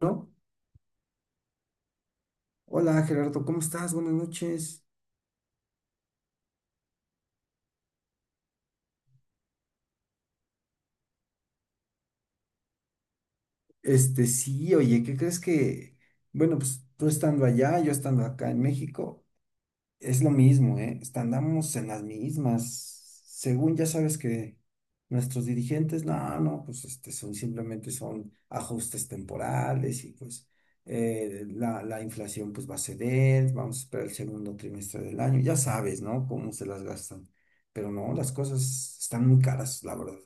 ¿No? Hola Gerardo, ¿cómo estás? Buenas noches. Sí, oye, ¿qué crees que? Bueno, pues tú estando allá, yo estando acá en México, es lo mismo, ¿eh? Andamos en las mismas. Según ya sabes que nuestros dirigentes, no, no, pues son simplemente son ajustes temporales y pues la inflación pues va a ceder, vamos a esperar el segundo trimestre del año, ya sabes, ¿no? Cómo se las gastan. Pero no, las cosas están muy caras, la verdad.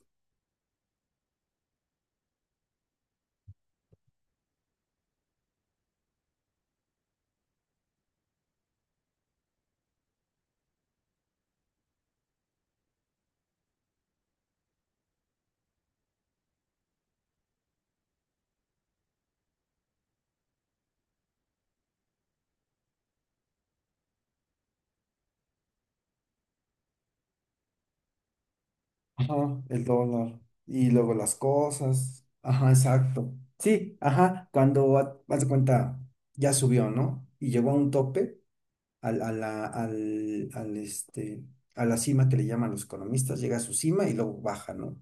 Ajá, el dólar y luego las cosas. Ajá, exacto. Sí, ajá, cuando haz de cuenta ya subió, ¿no? Y llegó a un tope al, a la, al, al, este, a la cima que le llaman los economistas, llega a su cima y luego baja, ¿no?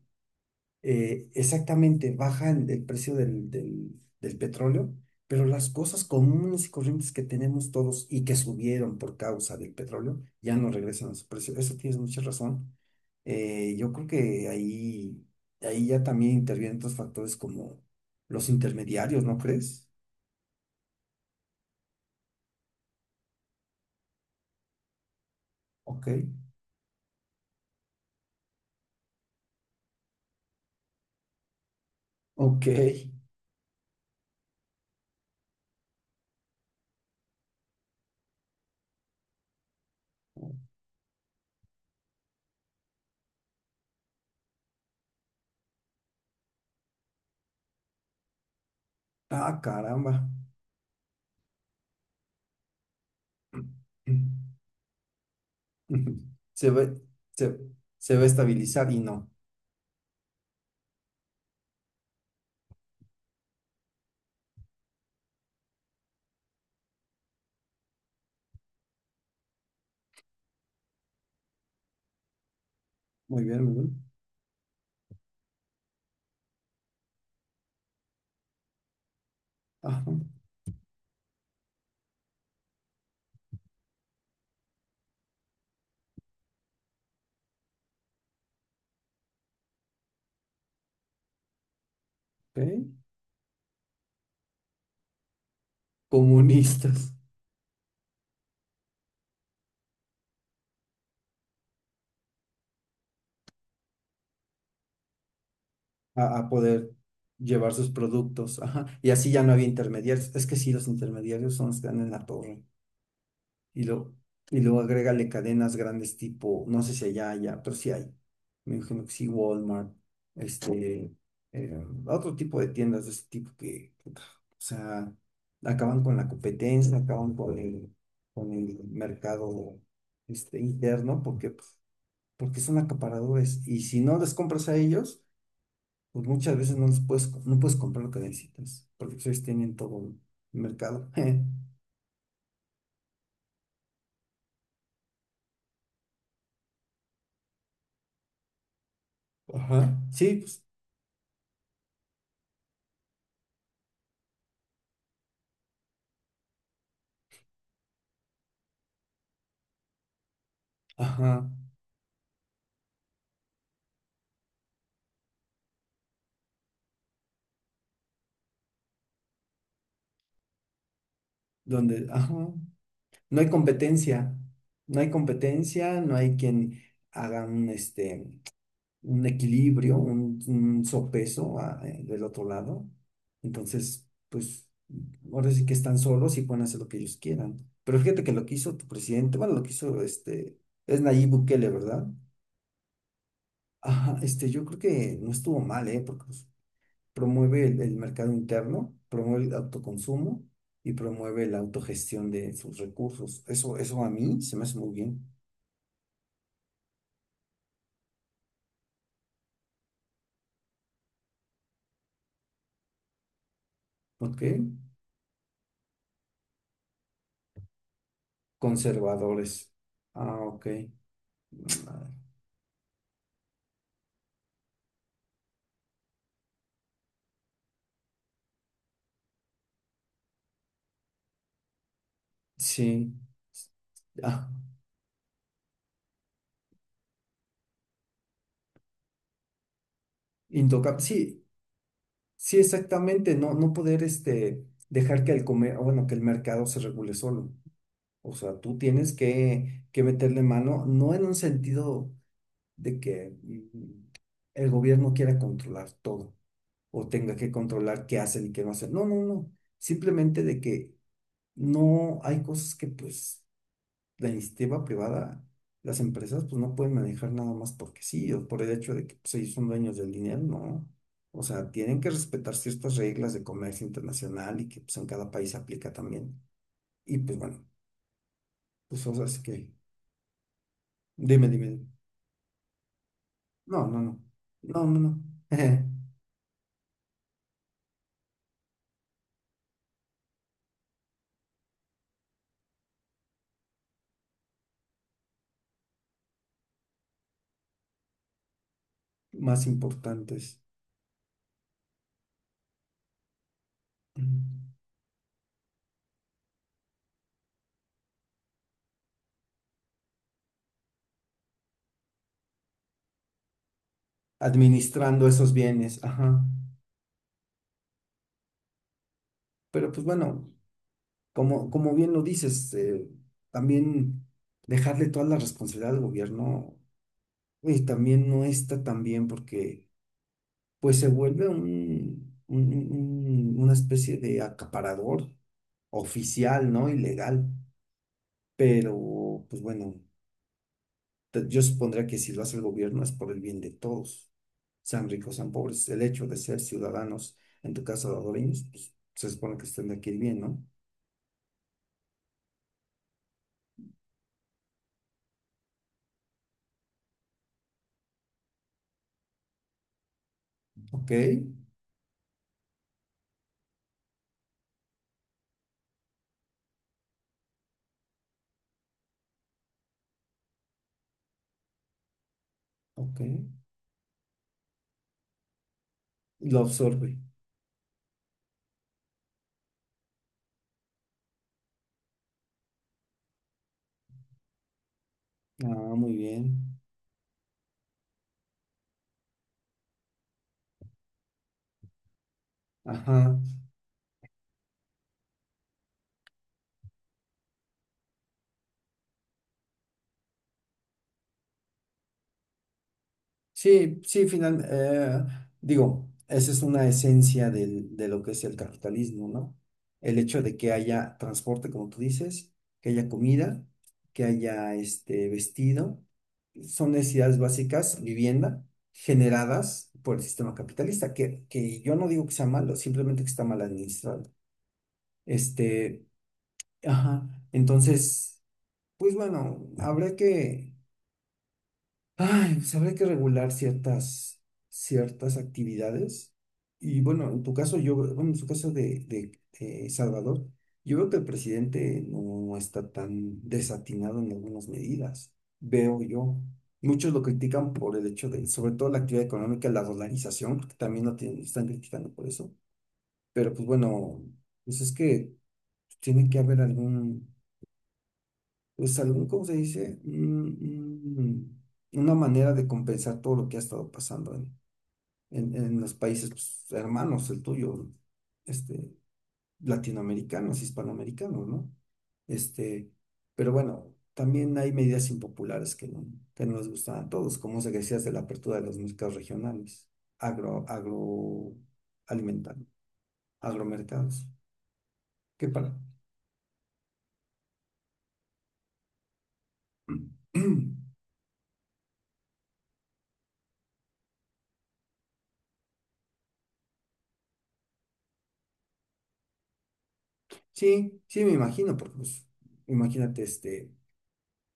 Exactamente baja el precio del petróleo, pero las cosas comunes y corrientes que tenemos todos y que subieron por causa del petróleo ya no regresan a su precio. Eso tienes mucha razón. Yo creo que ahí ya también intervienen otros factores como los intermediarios, ¿no crees? Ok, ok. Ah, caramba. Se ve, se, se va a estabilizar y no. Muy bien, muy bien. Ajá, ok. Comunistas. A poder llevar sus productos. Ajá. Y así ya no había intermediarios. Es que sí, los intermediarios son los que dan en la torre. Y, lo, y luego agrégale cadenas grandes tipo, no sé si allá, allá, pero sí hay. Me imagino que sí, Walmart, este, otro tipo de tiendas de ese tipo que, puta, o sea, acaban con la competencia, acaban con el mercado interno, porque, pues, porque son acaparadores. Y si no les compras a ellos, pues muchas veces no les puedes, no puedes comprar lo que necesitas, porque pues, ellos tienen todo el mercado. Ajá, sí, pues, ajá, donde, ajá, no hay competencia, no hay competencia, no hay quien haga un equilibrio, un sopeso, del otro lado. Entonces, pues, ahora sí que están solos y pueden hacer lo que ellos quieran. Pero fíjate que lo que hizo tu presidente, bueno, lo que hizo es Nayib Bukele, ¿verdad? Ajá, yo creo que no estuvo mal, ¿eh? Porque pues, promueve el mercado interno, promueve el autoconsumo y promueve la autogestión de sus recursos. Eso a mí se me hace muy bien. ¿Ok? Conservadores. Ah, ok. Ah, sí. Ah, intocable. Sí, sí, exactamente. No, no poder, dejar que el comer, bueno, que el mercado se regule solo. O sea, tú tienes que meterle mano, no en un sentido. De que mm, el gobierno quiera controlar todo o tenga que controlar qué hacen y qué no hacen. No, no, no. Simplemente de que no hay cosas que pues la iniciativa privada, las empresas pues no pueden manejar nada más porque sí o por el hecho de que pues, ellos son dueños del dinero, no. O sea, tienen que respetar ciertas reglas de comercio internacional y que pues en cada país aplica también. Y pues bueno, pues o sea, es que dime, dime. No, no, no. No, no, no. Más importantes. Administrando esos bienes, ajá. Pero pues bueno, como, como bien lo dices, también dejarle toda la responsabilidad al gobierno, y también no está tan bien porque pues se vuelve una especie de acaparador oficial, ¿no? Ilegal. Pero pues bueno, Te- Yo supondría que si lo hace el gobierno es por el bien de todos, sean ricos, sean pobres. El hecho de ser ciudadanos, en tu caso salvadoreños, pues, se supone que estén de aquí bien, ¿no? Ok, ok. Lo absorbe. Ah, muy bien. Ajá. Sí, sí, final, digo, esa es una esencia del- de lo que es el capitalismo, ¿no? El hecho de que haya transporte, como tú dices, que haya comida, que haya este vestido, son necesidades básicas, vivienda, generadas por el sistema capitalista, que yo no digo que sea malo, simplemente que está mal administrado. Este, ajá, entonces, pues bueno, habrá que. Ay, pues habría que regular ciertas, ciertas actividades. Y bueno, en tu caso, yo, bueno, en su caso Salvador, yo veo que el presidente no está tan desatinado en algunas medidas. Veo yo. Muchos lo critican por el hecho de, sobre todo la actividad económica, la dolarización, porque también lo tienen- están criticando por eso. Pero pues bueno, pues es que tiene que haber algún, pues algún, ¿cómo se dice? Mm, mm, una manera de compensar todo lo que ha estado pasando en, los países pues, hermanos, el tuyo, este, latinoamericanos, hispanoamericanos, ¿no? Este, pero bueno, también hay medidas impopulares que no les gustan a todos, como se decías de la apertura de los mercados regionales, agro, agroalimentario, agromercados. ¿Qué para? Sí, sí, me imagino, porque pues, imagínate, este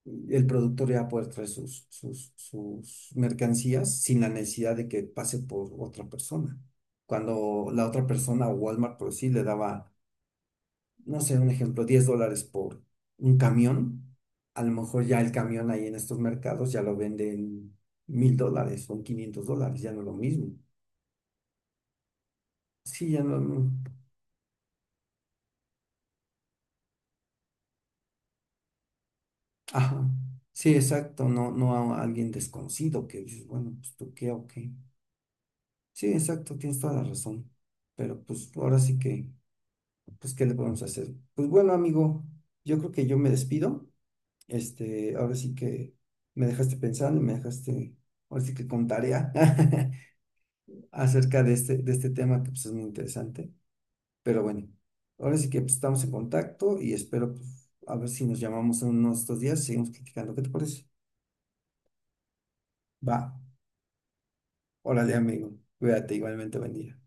el productor ya va a poder traer sus, sus, sus mercancías sin la necesidad de que pase por otra persona. Cuando la otra persona o Walmart, por sí, le daba, no sé, un ejemplo, $10 por un camión, a lo mejor ya el camión ahí en estos mercados ya lo venden $1,000 o en $500, ya no es lo mismo. Sí, ya no, no. Ajá. Sí, exacto, no, no a alguien desconocido que dices, bueno, pues tú qué o qué. Sí, exacto, tienes toda la razón. Pero pues ahora sí que, pues, ¿qué le podemos hacer? Pues bueno, amigo, yo creo que yo me despido. Ahora sí que me dejaste pensando y me dejaste, ahora sí que con tarea acerca de este tema que pues es muy interesante. Pero bueno, ahora sí que pues, estamos en contacto y espero pues, a ver si nos llamamos en unos 2 días, seguimos platicando. ¿Qué te parece? Va, órale, amigo, cuídate igualmente, buen día.